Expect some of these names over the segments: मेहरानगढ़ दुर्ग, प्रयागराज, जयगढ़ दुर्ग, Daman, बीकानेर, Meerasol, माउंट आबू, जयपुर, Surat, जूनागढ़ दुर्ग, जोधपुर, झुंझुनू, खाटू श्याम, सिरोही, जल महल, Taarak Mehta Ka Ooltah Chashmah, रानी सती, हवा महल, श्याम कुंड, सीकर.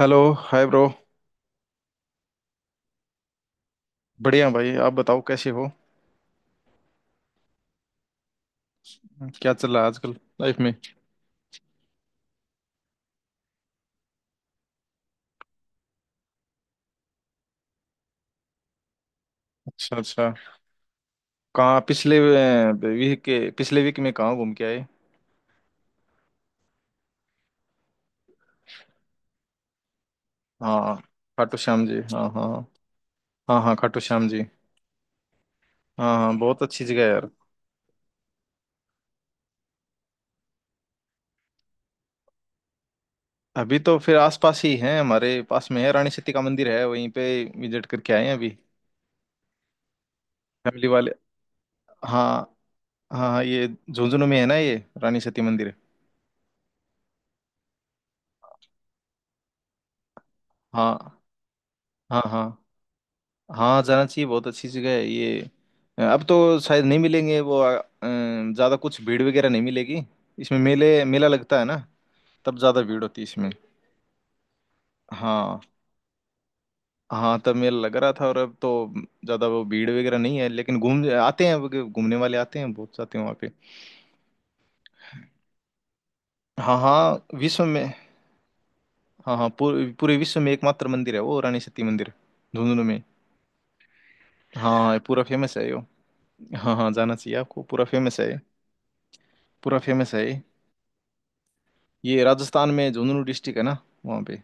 Hello hi bro. बढ़िया भाई आप बताओ कैसे हो। क्या चल रहा है आजकल लाइफ में। अच्छा अच्छा। कहाँ पिछले वीक में कहाँ घूम के आए। हाँ खाटू श्याम जी हाँ हाँ। हाँ हाँ खाटू श्याम जी। हाँ हाँ बहुत अच्छी जगह है यार। अभी तो फिर आसपास ही है हमारे पास में है रानी सती का मंदिर है वहीं पे विजिट करके आए हैं अभी। फैमिली वाले। हाँ हाँ। हाँ, ये झुंझुनू में है ना ये रानी सती मंदिर। हाँ हाँ। हाँ हाँ जाना चाहिए बहुत अच्छी जगह है ये। अब तो शायद नहीं मिलेंगे वो ज़्यादा कुछ भीड़ वगैरह नहीं मिलेगी। इसमें मेले मेला लगता है ना। तब ज़्यादा भीड़ होती है इसमें। हाँ हाँ तब मेला लग रहा था और अब तो ज़्यादा वो भीड़ वगैरह नहीं है लेकिन घूम आते हैं वो घूमने वाले आते हैं बहुत जाते हैं वहाँ पे। हाँ हाँ विश्व में। हाँ हाँ पूरे पूरे विश्व में एकमात्र मंदिर है वो रानी सती मंदिर झुंझुनू में। हाँ ये पूरा फेमस है ये। हाँ हाँ जाना चाहिए आपको पूरा फेमस है ये। पूरा फेमस है ये। ये राजस्थान में झुंझुनू डिस्ट्रिक्ट है ना वहाँ पे।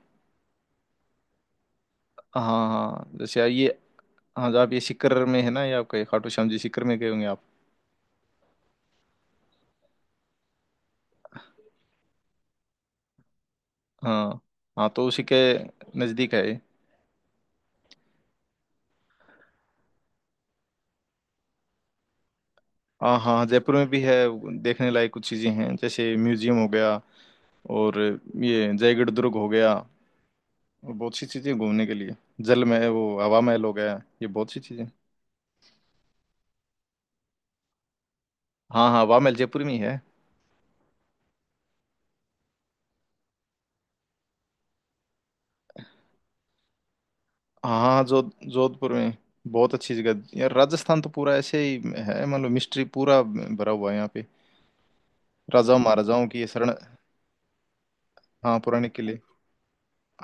हाँ हाँ जैसे ये। हाँ जो आप ये सीकर में है ना ये आपका ये खाटू श्याम जी सीकर में गए होंगे आप। हाँ हाँ तो उसी के नज़दीक है ये। हाँ हाँ जयपुर में भी है देखने लायक कुछ चीज़ें हैं जैसे म्यूजियम हो गया और ये जयगढ़ दुर्ग हो गया और बहुत सी चीज़ें घूमने के लिए जल महल वो हवा महल हो गया ये बहुत सी चीज़ें। हाँ हाँ हवा महल जयपुर में ही है। हाँ हाँ जो जोधपुर में बहुत अच्छी जगह यार राजस्थान तो पूरा ऐसे ही है मतलब मिस्ट्री पूरा भरा हुआ है यहाँ पे। राजाओं महाराजाओं की ये शरण। हाँ पुराने किले।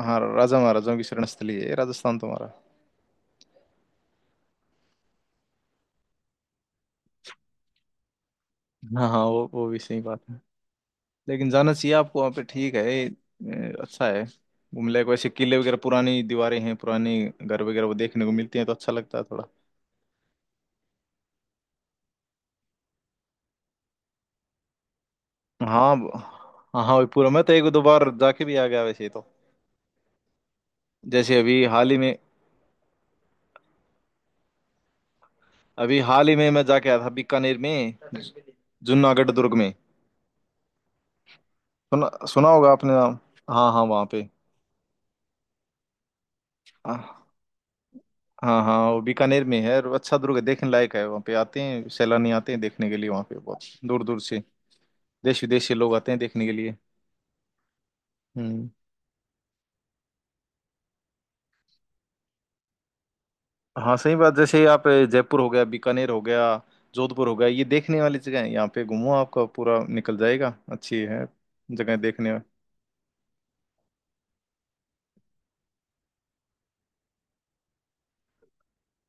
हाँ राजा महाराजाओं की शरण स्थली है ये राजस्थान तुम्हारा। हाँ हाँ वो भी सही बात है लेकिन जाना चाहिए आपको वहाँ पे ठीक है अच्छा है घूम ले वैसे किले वगैरह पुरानी दीवारें हैं पुराने घर वगैरह वो देखने को मिलते हैं तो अच्छा लगता है थोड़ा। हाँ हाँ हाँ वही पूरा मैं तो एक दो बार जाके भी आ गया वैसे तो जैसे अभी हाल ही में। अभी हाल ही में मैं जाके आया था बीकानेर में जूनागढ़ दुर्ग में। सुना सुना होगा आपने नाम। हाँ हाँ वहाँ पे। हाँ हाँ वो बीकानेर में है और अच्छा दुर्ग है, देखने लायक है वहाँ पे आते हैं सैलानी आते हैं देखने के लिए वहाँ पे बहुत दूर दूर से देश विदेश से लोग आते हैं देखने के लिए। हम्म। हाँ सही बात जैसे आप जयपुर हो गया बीकानेर हो गया जोधपुर हो गया ये देखने वाली जगह है यहाँ पे घूमो आपका पूरा निकल जाएगा अच्छी है जगह देखने।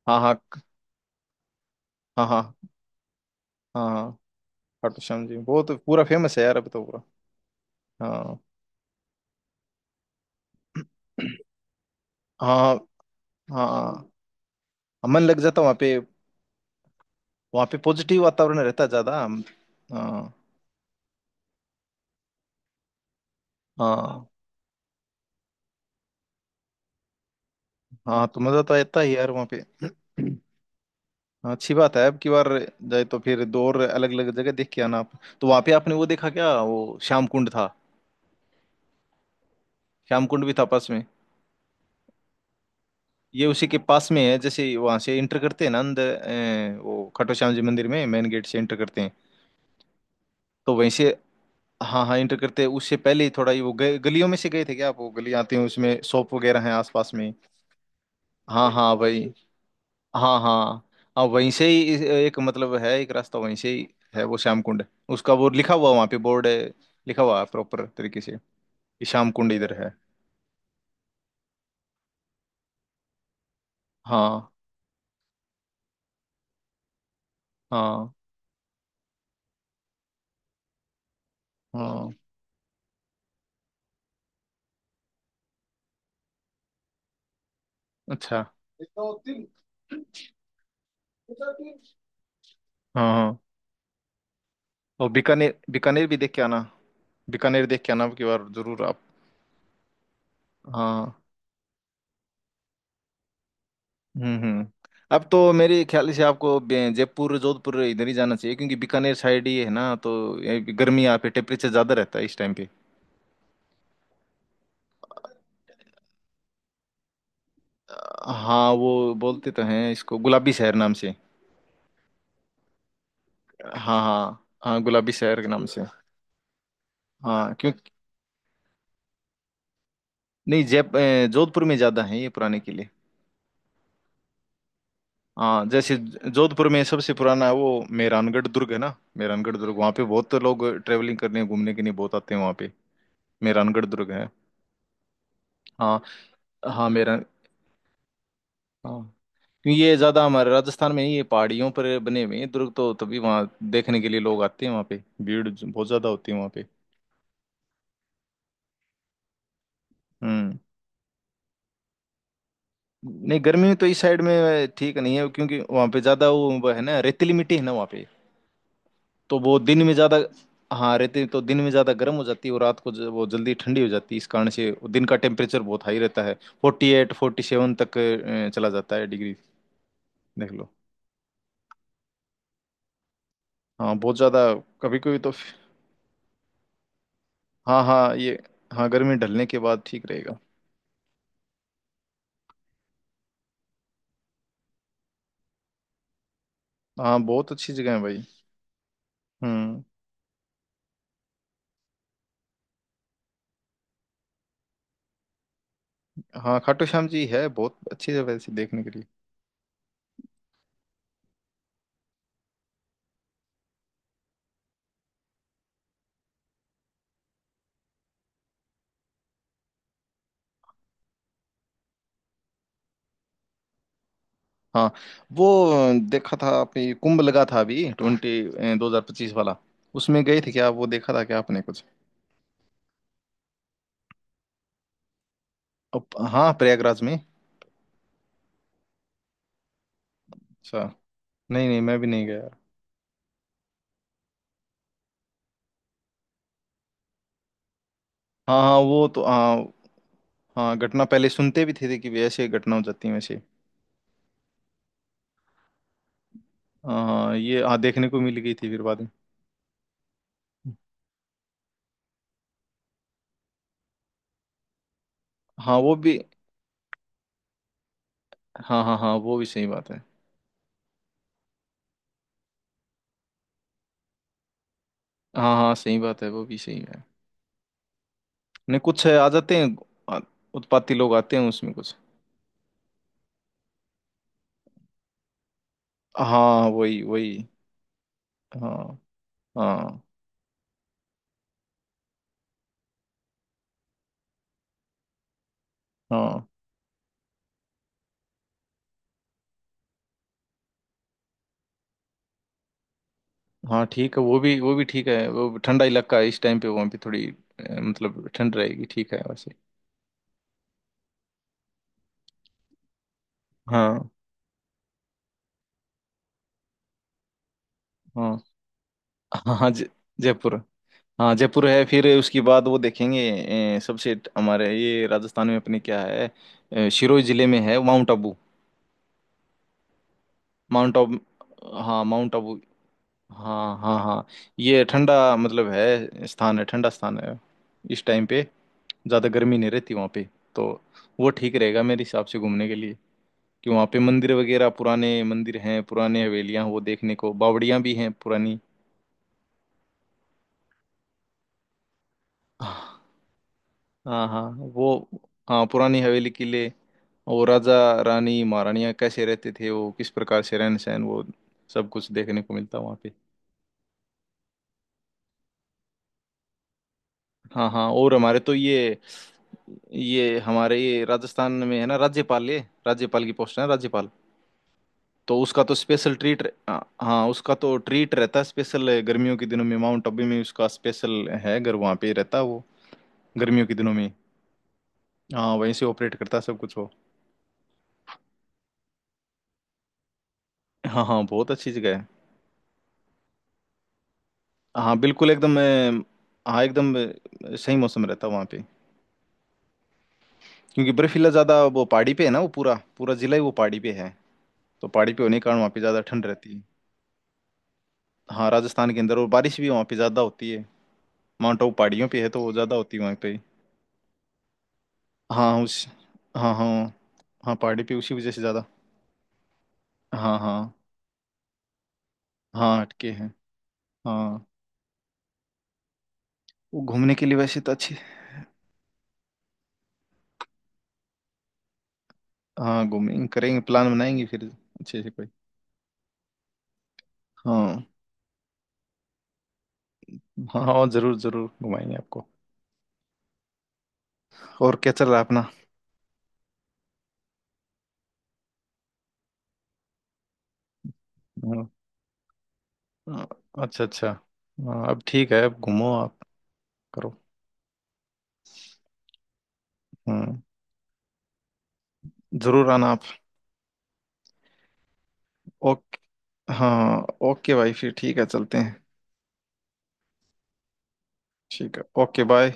हाँ हाँ। हाँ हाँ। हाँ हाँ खाटू श्याम जी बहुत पूरा फेमस है यार अब तो पूरा। हाँ हाँ। हाँ मन लग जाता वहाँ पे पॉजिटिव वातावरण रहता है ज्यादा हाँ। हाँ। हाँ तो मजा तो आता है यार वहाँ पे। हाँ अच्छी बात है अब की बार जाए तो फिर दो और अलग अलग जगह देख के आना आप तो वहाँ पे आपने वो देखा क्या वो श्याम कुंड था। श्याम कुंड भी था पास में। ये उसी के पास में है जैसे वहाँ से एंटर करते हैं ना अंदर वो खट्टू श्याम जी मंदिर में मेन गेट से एंटर करते हैं तो वहीं से। हाँ हाँ एंटर करते हैं उससे पहले ही थोड़ा ही वो गलियों में से गए थे क्या आप वो गली आते हैं उसमें शॉप वगैरह हैं आसपास में। हाँ हाँ भाई। हाँ हाँ। हाँ वहीं से ही एक मतलब है एक रास्ता वहीं से ही है वो श्याम कुंड उसका वो लिखा हुआ वहाँ पे बोर्ड है लिखा हुआ है प्रॉपर तरीके से कि श्याम कुंड इधर है। हाँ हाँ। हाँ अच्छा। हाँ हाँ और बीकानेर बीकानेर भी देख के आना। बीकानेर देख के आना अब की बार जरूर आप। हाँ हम्म हम्म अब तो मेरे ख्याल से आपको जयपुर जोधपुर इधर ही जाना चाहिए क्योंकि बीकानेर साइड ही है ना तो ये भी गर्मी यहाँ पे टेम्परेचर ज़्यादा रहता है इस टाइम पे। हाँ वो बोलते तो हैं इसको गुलाबी शहर नाम से। हाँ हाँ हाँ गुलाबी शहर के नाम से। हाँ क्यों नहीं जोधपुर में ज्यादा है ये पुराने किले। हाँ जैसे जोधपुर में सबसे पुराना वो मेहरानगढ़ दुर्ग है ना मेहरानगढ़ दुर्ग वहाँ पे बहुत लोग ट्रेवलिंग करने घूमने के लिए बहुत आते हैं वहाँ पे। मेहरानगढ़ दुर्ग है। हाँ हाँ मेरा। हाँ क्योंकि ये ज्यादा हमारे राजस्थान में ही ये पहाड़ियों पर बने हुए हैं दुर्ग तो तभी वहाँ देखने के लिए लोग आते हैं वहाँ पे भीड़ बहुत ज्यादा होती है वहाँ पे। हम्म। नहीं गर्मी में तो इस साइड में ठीक नहीं है क्योंकि वहाँ पे ज़्यादा वो है ना रेतीली मिट्टी है ना वहाँ पे तो वो दिन में ज़्यादा। हाँ रेती तो दिन में ज़्यादा गर्म हो जाती है और रात को वो जल्दी ठंडी हो जाती है इस कारण से वो दिन का टेम्परेचर बहुत हाई रहता है 48 47 तक चला जाता है डिग्री देख लो। हाँ बहुत ज़्यादा कभी कभी तो। हाँ हाँ ये हाँ गर्मी ढलने के बाद ठीक रहेगा। हाँ बहुत अच्छी जगह है भाई। हम्म। हाँ खाटू श्याम जी है बहुत अच्छी जगह है वैसे देखने के लिए। हाँ वो देखा था आपने कुंभ लगा था अभी ट्वेंटी 2025 वाला उसमें गए थे क्या वो देखा था क्या आपने कुछ। अब हाँ प्रयागराज में। अच्छा नहीं नहीं मैं भी नहीं गया यार। हाँ हाँ वो तो हाँ। हाँ घटना पहले सुनते भी थे कि भी ऐसे घटना हो जाती है वैसे। हाँ हाँ, ये हाँ देखने को मिल गई थी फिर बाद में। हाँ वो भी। हाँ हाँ हाँ वो भी सही बात है। हाँ हाँ सही बात है वो भी सही है। नहीं कुछ है, आ जाते हैं आ- उत्पाती लोग आते हैं उसमें कुछ। हाँ वही वही। हाँ हाँ हाँ। हाँ ठीक है वो भी ठीक है वो ठंडा इलाका है इस टाइम पे वहाँ पे थोड़ी मतलब ठंड रहेगी ठीक है वैसे। हाँ हाँ। हाँ हाँ जयपुर। हाँ जयपुर है फिर उसके बाद वो देखेंगे सबसे हमारे ये राजस्थान में अपने क्या है सिरोही जिले में है माउंट आबू। माउंट आबू। हाँ माउंट आबू। हाँ हाँ हाँ ये ठंडा मतलब है स्थान है ठंडा स्थान है इस टाइम पे ज़्यादा गर्मी नहीं रहती वहाँ पे तो वो ठीक रहेगा मेरे हिसाब से घूमने के लिए कि वहाँ पे मंदिर वगैरह पुराने मंदिर हैं पुराने हवेलियाँ हैं वो देखने को बावड़ियाँ भी हैं पुरानी। हाँ हाँ वो। हाँ पुरानी हवेली किले और राजा रानी महारानियाँ कैसे रहते थे वो किस प्रकार से रहन सहन वो सब कुछ देखने को मिलता वहाँ पे। हाँ हाँ और हमारे तो ये हमारे ये राजस्थान में है ना राज्यपाल ये राज्यपाल की पोस्ट है ना, राज्यपाल तो उसका तो स्पेशल ट्रीट। हाँ उसका तो ट्रीट रहता है स्पेशल गर्मियों के दिनों में माउंट आबू में उसका स्पेशल है घर वहाँ पे रहता है वो गर्मियों के दिनों में। हाँ वहीं से ऑपरेट करता है सब कुछ हो। हाँ हाँ बहुत अच्छी जगह है। हाँ बिल्कुल एकदम हाँ एकदम सही मौसम रहता है वहाँ पे क्योंकि बर्फीला ज़्यादा वो पहाड़ी पे है ना वो पूरा पूरा जिला ही वो पहाड़ी पे है तो पहाड़ी पे होने के कारण वहाँ पे ज़्यादा ठंड रहती है। हाँ राजस्थान के अंदर और बारिश भी वहाँ पे ज़्यादा होती है माउंट आबू पहाड़ियों पे है तो वो ज़्यादा होती है वहाँ पे। हाँ उस। हाँ हाँ। हाँ पहाड़ी पे उसी वजह से ज़्यादा। हाँ हाँ। हाँ अटके हैं। हाँ वो घूमने के लिए वैसे तो अच्छी। हाँ घूमेंगे करेंगे प्लान बनाएंगे फिर अच्छे से कोई। हाँ हाँ। हाँ जरूर जरूर घुमाएंगे आपको और क्या चल रहा है अपना। हाँ, हाँ, अच्छा अच्छा। हाँ, अब ठीक है अब घूमो आप करो। हम्म। जरूर आना आप। ओके। हाँ ओके भाई फिर ठीक है चलते हैं ठीक है ओके बाय।